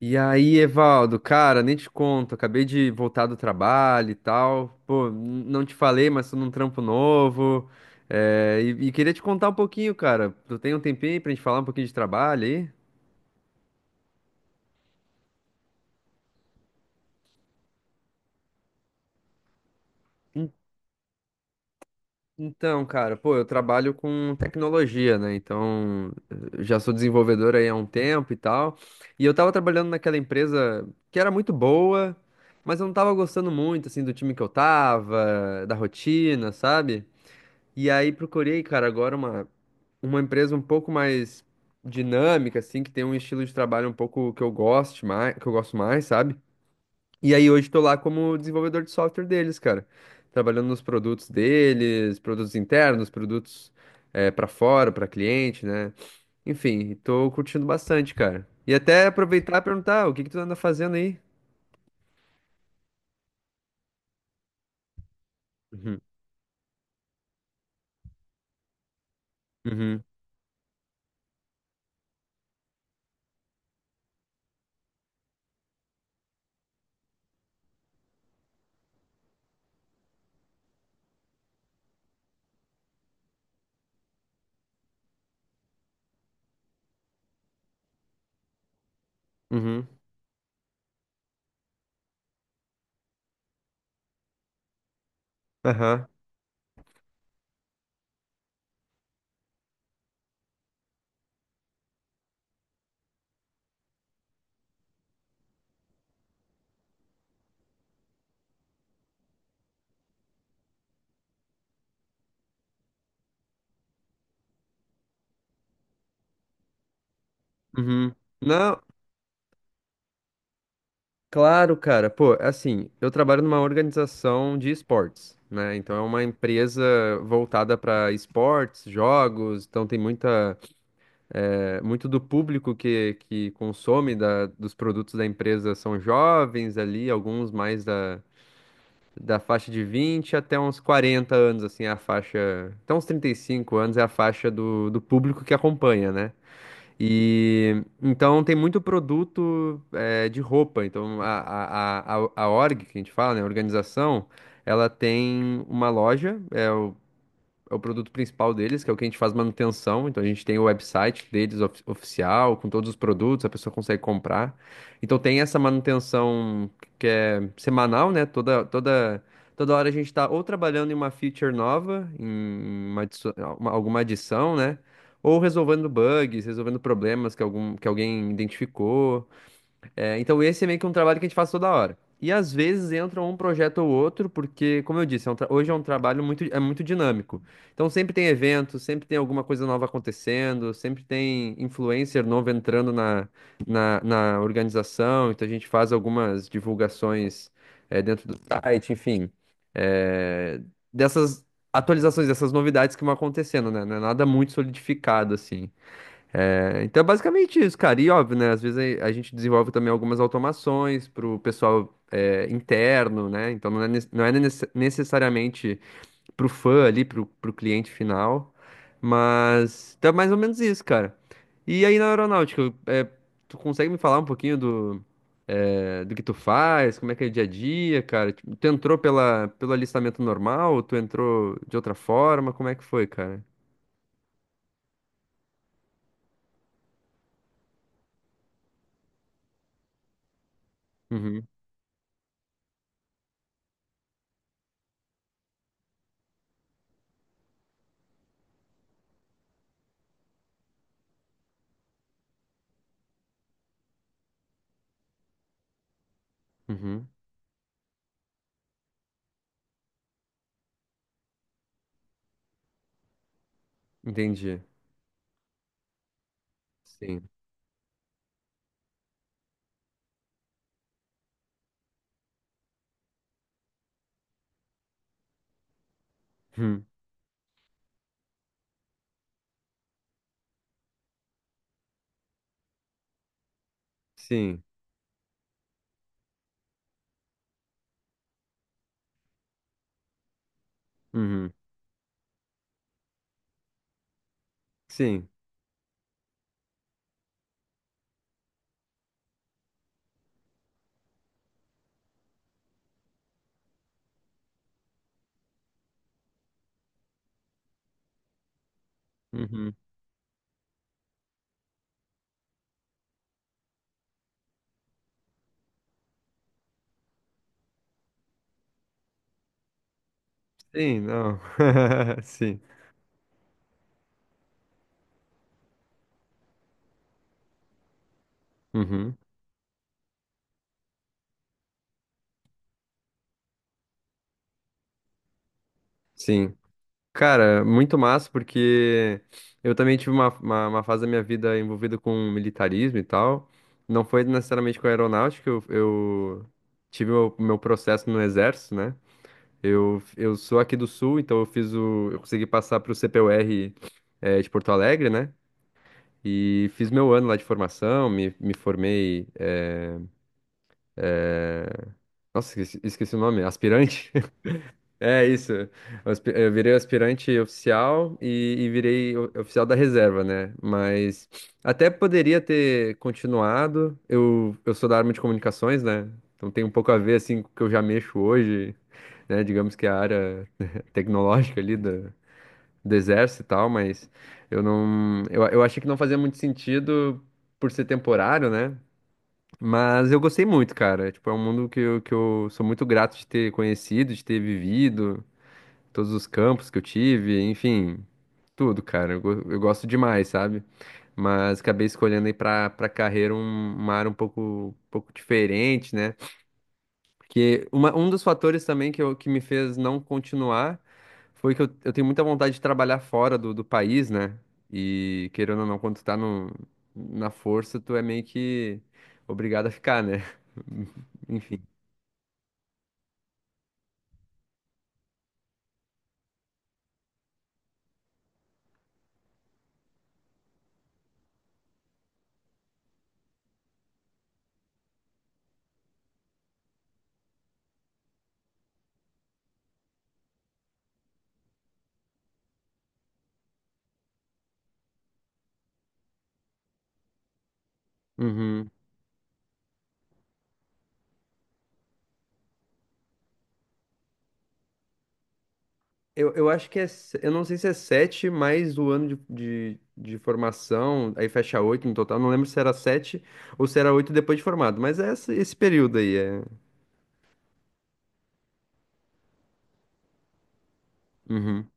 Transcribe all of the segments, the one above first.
E aí, Evaldo, cara, nem te conto, acabei de voltar do trabalho e tal. Pô, não te falei, mas tô num trampo novo. E queria te contar um pouquinho, cara. Tu tem um tempinho aí pra gente falar um pouquinho de trabalho aí? En- Então, cara, pô, eu trabalho com tecnologia, né? Então, eu já sou desenvolvedor aí há um tempo e tal. E eu tava trabalhando naquela empresa que era muito boa, mas eu não tava gostando muito, assim, do time que eu tava, da rotina, sabe? E aí procurei, cara, agora uma empresa um pouco mais dinâmica, assim, que tem um estilo de trabalho um pouco que eu goste mais, que eu gosto mais, sabe? E aí hoje tô lá como desenvolvedor de software deles, cara. Trabalhando nos produtos deles, produtos internos, produtos é, para fora, para cliente, né? Enfim, tô curtindo bastante, cara. E até aproveitar e perguntar, "Ah, o que que tu anda fazendo aí?" Uhum, uhum, uhum, aham, uhum. Não, claro, cara. Pô, assim, eu trabalho numa organização de esportes, né? Então é uma empresa voltada para esportes, jogos, então tem muita, é, muito do público que consome dos produtos da empresa são jovens ali, alguns mais da, da faixa de 20 até uns 40 anos, assim, é a faixa. Até uns 35 anos é a faixa do, do público que acompanha, né? E então tem muito produto eh, de roupa. Então a org que a gente fala, né, a organização, ela tem uma loja, é o produto principal deles, que é o que a gente faz manutenção. Então a gente tem o website deles oficial, com todos os produtos, a pessoa consegue comprar. Então tem essa manutenção que é semanal, né? Toda hora a gente está ou trabalhando em uma feature nova, em uma adiço- alguma adição, né? Ou resolvendo bugs, resolvendo problemas que que alguém identificou. É, então esse é meio que um trabalho que a gente faz toda hora. E às vezes entra um projeto ou outro, porque, como eu disse, é um hoje é um trabalho muito, é muito dinâmico. Então sempre tem evento, sempre tem alguma coisa nova acontecendo, sempre tem influencer novo entrando na organização. Então a gente faz algumas divulgações, é, dentro do site, enfim. É, dessas atualizações, dessas novidades que vão acontecendo, né? Não é nada muito solidificado, assim. É, então é basicamente isso, cara. E óbvio, né? Às vezes a gente desenvolve também algumas automações para o pessoal é, interno, né? Então não é, necessariamente para o fã ali, para o cliente final. Mas então é mais ou menos isso, cara. E aí na aeronáutica, é, tu consegue me falar um pouquinho do, é, do que tu faz? Como é que é o dia a dia, cara? Tipo, tu entrou pela, pelo alistamento normal? Ou tu entrou de outra forma? Como é que foi, cara? Uhum, uhum, entendi. Sim. Hum, sim. Uhum. Sim, Uhum. Sim, não. Sim. Uhum. Sim. Cara, muito massa, porque eu também tive uma fase da minha vida envolvida com militarismo e tal. Não foi necessariamente com aeronáutica, eu tive o meu processo no exército, né? Eu sou aqui do sul, então eu fiz o, eu consegui passar para o CPUR, eh, de Porto Alegre, né? E fiz meu ano lá de formação, me formei. Nossa, esqueci, esqueci o nome. Aspirante? É isso. Eu virei aspirante oficial e virei oficial da reserva, né? Mas até poderia ter continuado. Eu sou da arma de comunicações, né? Então tem um pouco a ver, assim, com o que eu já mexo hoje, né? Digamos que é a área tecnológica ali do, do exército e tal, mas eu não... eu achei que não fazia muito sentido por ser temporário, né? Mas eu gostei muito, cara. Tipo, é um mundo que que eu sou muito grato de ter conhecido, de ter vivido, todos os campos que eu tive, enfim, tudo, cara. Eu gosto demais, sabe? Mas acabei escolhendo aí pra, pra carreira uma área um pouco diferente, né? Que um dos fatores também que, eu, que me fez não continuar foi que eu tenho muita vontade de trabalhar fora do, do país, né? E querendo ou não, quando tu tá no, na força, tu é meio que obrigado a ficar, né? Enfim. Uhum. Eu acho que é. Eu não sei se é sete mais o ano de formação, aí fecha oito no total. Não lembro se era sete ou se era oito depois de formado, mas é esse, esse período aí. É... Uhum,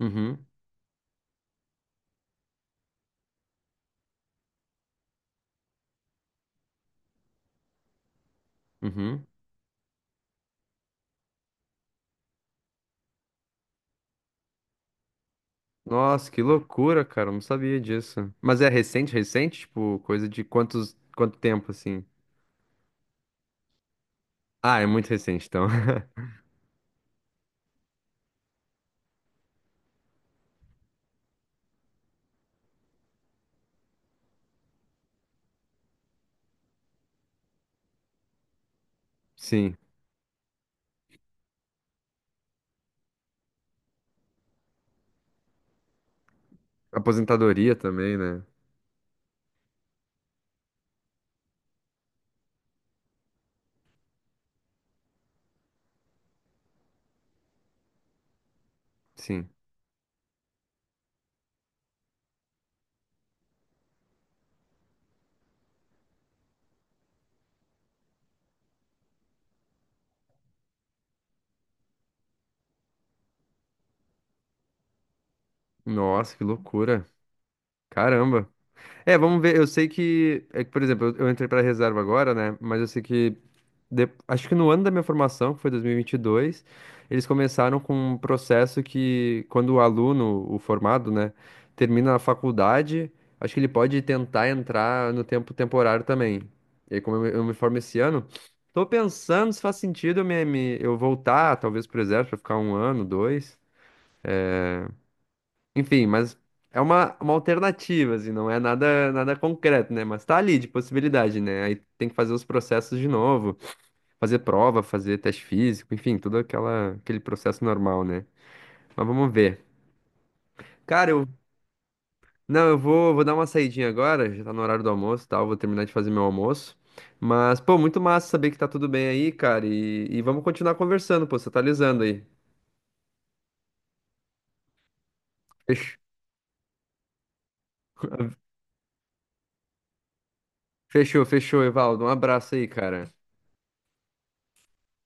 uhum, uhum. Nossa, que loucura, cara. Eu não sabia disso. Mas é recente, recente? Tipo, coisa de quantos, quanto tempo, assim? Ah, é muito recente, então. Sim. Aposentadoria também, né? Sim. Nossa, que loucura. Caramba. É, vamos ver. Eu sei que, é que, por exemplo, eu entrei pra reserva agora, né? Mas eu sei que acho que no ano da minha formação, que foi 2022, eles começaram com um processo que, quando o aluno, o formado, né, termina a faculdade, acho que ele pode tentar entrar no tempo temporário também. E aí, como eu me formo esse ano, tô pensando se faz sentido eu voltar, talvez, pro exército, pra ficar um ano, dois. Enfim, mas é uma alternativa, assim, não é nada, nada concreto, né? Mas tá ali de possibilidade, né? Aí tem que fazer os processos de novo, fazer prova, fazer teste físico, enfim, todo aquela, aquele processo normal, né? Mas vamos ver. Cara, eu, não, vou dar uma saidinha agora, já tá no horário do almoço e tal, vou terminar de fazer meu almoço. Mas, pô, muito massa saber que tá tudo bem aí, cara, e vamos continuar conversando, pô, você tá alisando aí. Fech- Fechou, fechou, Evaldo, um abraço aí, cara.